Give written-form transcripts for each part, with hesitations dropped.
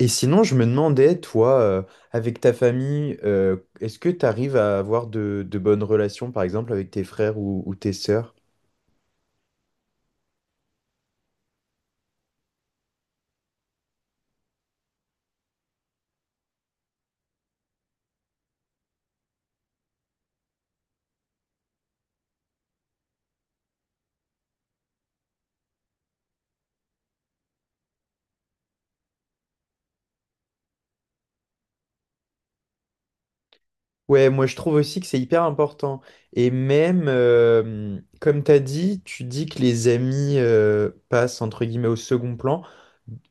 Et sinon, je me demandais, toi, avec ta famille, est-ce que tu arrives à avoir de bonnes relations, par exemple, avec tes frères ou tes sœurs? Ouais, moi je trouve aussi que c'est hyper important. Et même, comme tu as dit, tu dis que les amis passent entre guillemets au second plan.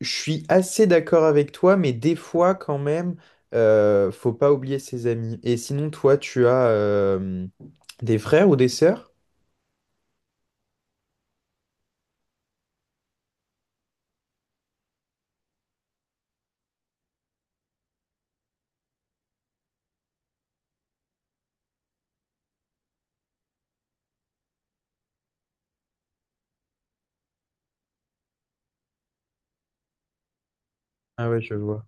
Je suis assez d'accord avec toi, mais des fois quand même, faut pas oublier ses amis. Et sinon, toi, tu as des frères ou des sœurs? Ah ouais, je vois.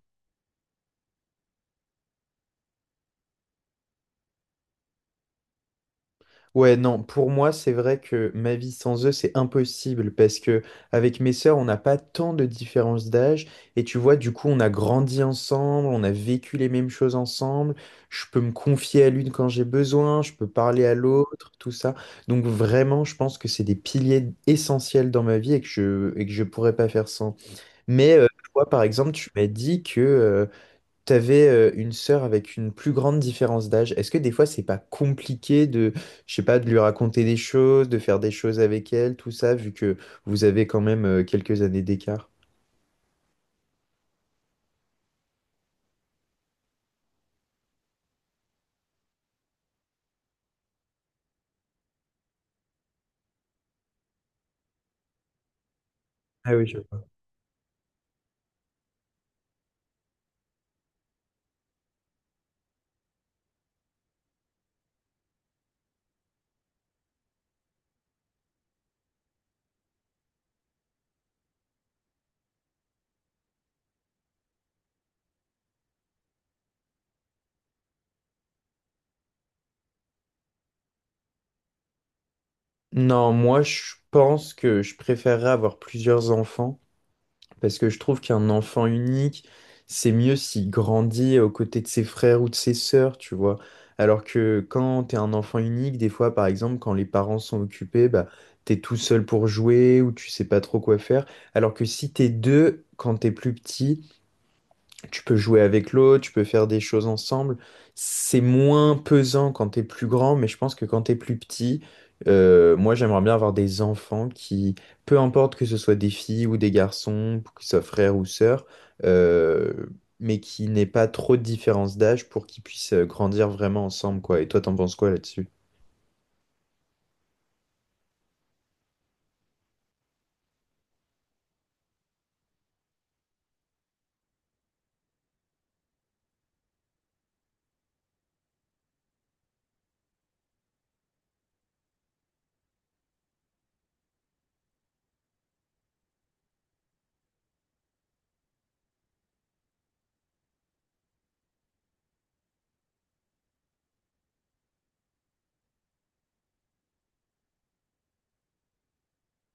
Ouais, non, pour moi, c'est vrai que ma vie sans eux, c'est impossible parce que avec mes sœurs, on n'a pas tant de différence d'âge et tu vois, du coup, on a grandi ensemble, on a vécu les mêmes choses ensemble. Je peux me confier à l'une quand j'ai besoin, je peux parler à l'autre, tout ça. Donc vraiment, je pense que c'est des piliers essentiels dans ma vie et que je pourrais pas faire sans. Mais toi, par exemple, tu m'as dit que tu avais une sœur avec une plus grande différence d'âge. Est-ce que des fois, c'est pas compliqué de, je sais pas, de lui raconter des choses, de faire des choses avec elle, tout ça, vu que vous avez quand même quelques années d'écart? Ah oui, je vois. Non, moi, je pense que je préférerais avoir plusieurs enfants. Parce que je trouve qu'un enfant unique, c'est mieux s'il grandit aux côtés de ses frères ou de ses sœurs, tu vois. Alors que quand t'es un enfant unique, des fois, par exemple, quand les parents sont occupés, bah, t'es tout seul pour jouer ou tu sais pas trop quoi faire. Alors que si t'es deux, quand t'es plus petit, tu peux jouer avec l'autre, tu peux faire des choses ensemble. C'est moins pesant quand t'es plus grand, mais je pense que quand t'es plus petit, moi j'aimerais bien avoir des enfants qui, peu importe que ce soit des filles ou des garçons, que ce soit frère ou sœur, euh, mais qui n'aient pas trop de différence d'âge pour qu'ils puissent grandir vraiment ensemble, quoi. Et toi, t'en penses quoi là-dessus?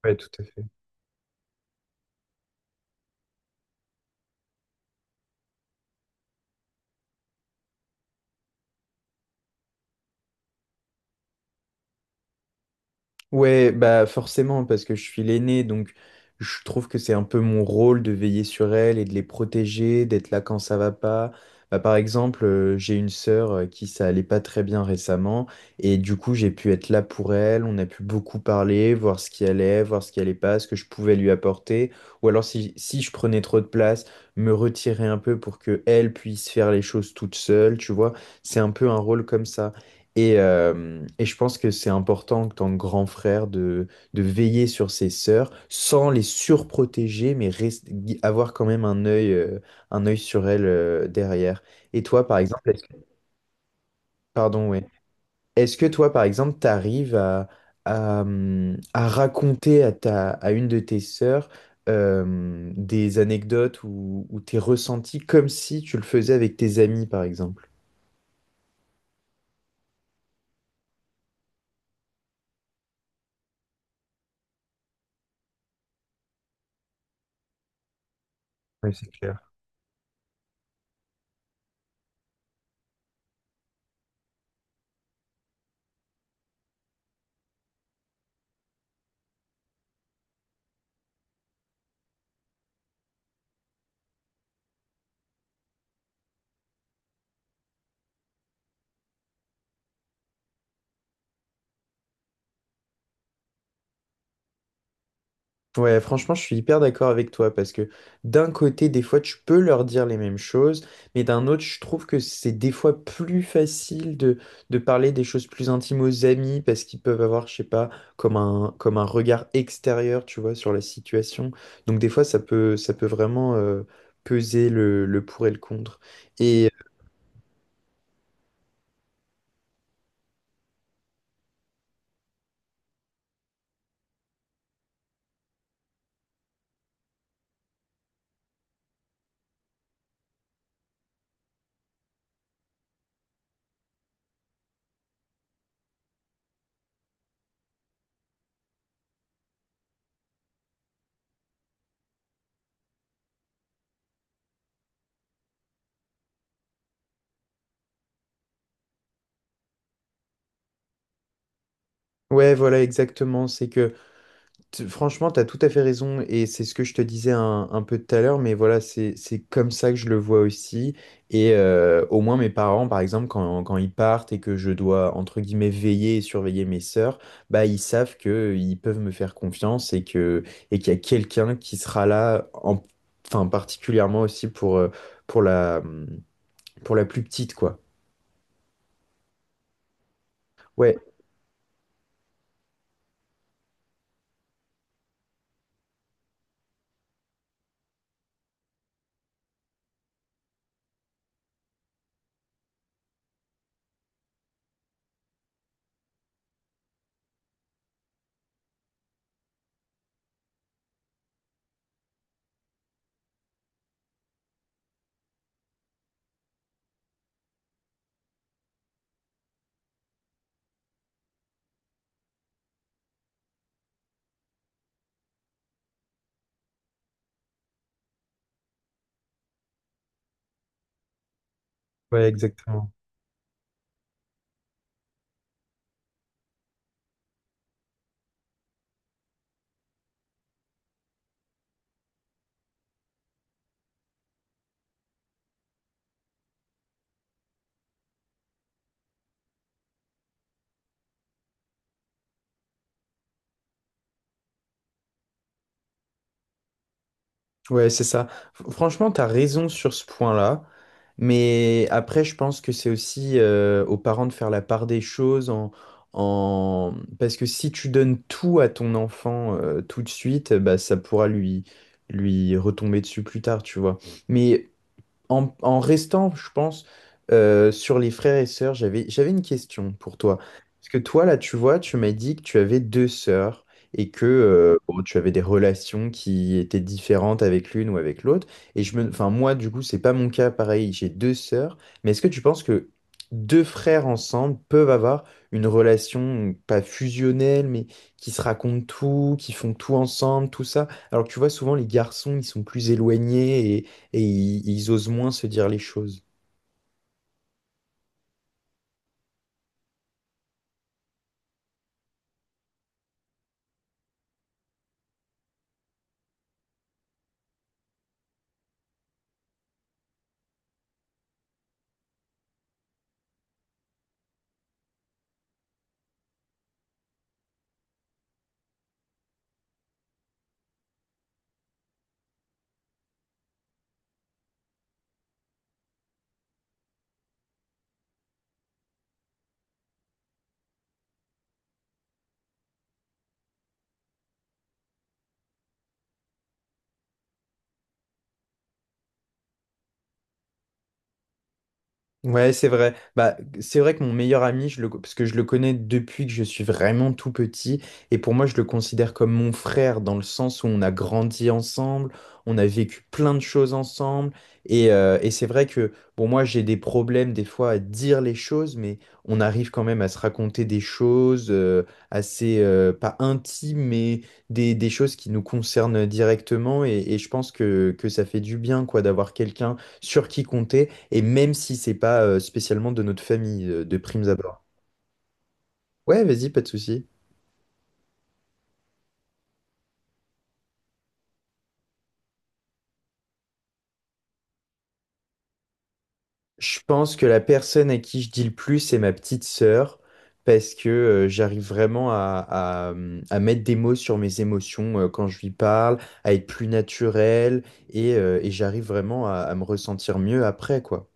Ouais, tout à fait. Ouais, bah forcément, parce que je suis l'aîné, donc je trouve que c'est un peu mon rôle de veiller sur elles et de les protéger, d'être là quand ça va pas. Bah, par exemple, j'ai une sœur qui ça allait pas très bien récemment, et du coup j'ai pu être là pour elle, on a pu beaucoup parler, voir ce qui allait, voir ce qui allait pas, ce que je pouvais lui apporter, ou alors si je prenais trop de place, me retirer un peu pour que elle puisse faire les choses toute seule, tu vois, c'est un peu un rôle comme ça. Et je pense que c'est important en tant que grand frère de veiller sur ses sœurs sans les surprotéger, mais avoir quand même un œil sur elles derrière. Et toi, par exemple, est-ce que, pardon, ouais. Est-ce que toi, par exemple, t'arrives à, à raconter à ta, à une de tes sœurs des anecdotes ou tes ressentis comme si tu le faisais avec tes amis, par exemple? Ouais, c'est clair. Ouais, franchement, je suis hyper d'accord avec toi parce que d'un côté, des fois, tu peux leur dire les mêmes choses, mais d'un autre, je trouve que c'est des fois plus facile de parler des choses plus intimes aux amis parce qu'ils peuvent avoir, je sais pas, comme un regard extérieur, tu vois, sur la situation. Donc, des fois, ça peut vraiment peser le pour et le contre. Et ouais, voilà, exactement. Franchement, tu as tout à fait raison et c'est ce que je te disais un peu tout à l'heure, mais voilà, c'est comme ça que je le vois aussi. Et au moins mes parents, par exemple, quand ils partent et que je dois, entre guillemets, veiller et surveiller mes sœurs, bah, ils savent que ils peuvent me faire confiance et que, et qu'il y a quelqu'un qui sera là, enfin, particulièrement aussi pour la, pour la plus petite, quoi. Ouais, ouais, exactement. Ouais, c'est ça. Franchement, t'as raison sur ce point-là. Mais après, je pense que c'est aussi aux parents de faire la part des choses en, en... Parce que si tu donnes tout à ton enfant tout de suite, bah, ça pourra lui, lui retomber dessus plus tard, tu vois. Mais en, en restant, je pense, sur les frères et sœurs, j'avais une question pour toi. Parce que toi, là, tu vois, tu m'as dit que tu avais deux sœurs et que bon, tu avais des relations qui étaient différentes avec l'une ou avec l'autre. Et je me, enfin, moi, du coup, c'est pas mon cas, pareil, j'ai deux sœurs. Mais est-ce que tu penses que deux frères ensemble peuvent avoir une relation pas fusionnelle, mais qui se racontent tout, qui font tout ensemble, tout ça? Alors que tu vois, souvent, les garçons, ils sont plus éloignés et ils osent moins se dire les choses. Ouais, c'est vrai. Bah, c'est vrai que mon meilleur ami, parce que je le connais depuis que je suis vraiment tout petit, et pour moi, je le considère comme mon frère dans le sens où on a grandi ensemble, on a vécu plein de choses ensemble, et c'est vrai que, bon, moi, j'ai des problèmes des fois à dire les choses, mais on arrive quand même à se raconter des choses assez, pas intimes, mais des choses qui nous concernent directement, et je pense que ça fait du bien, quoi, d'avoir quelqu'un sur qui compter. Et même si c'est pas spécialement de notre famille, de primes abord. Ouais, vas-y, pas de souci. Je pense que la personne à qui je dis le plus, c'est ma petite sœur, parce que j'arrive vraiment à, à mettre des mots sur mes émotions quand je lui parle, à être plus naturel, et j'arrive vraiment à me ressentir mieux après, quoi.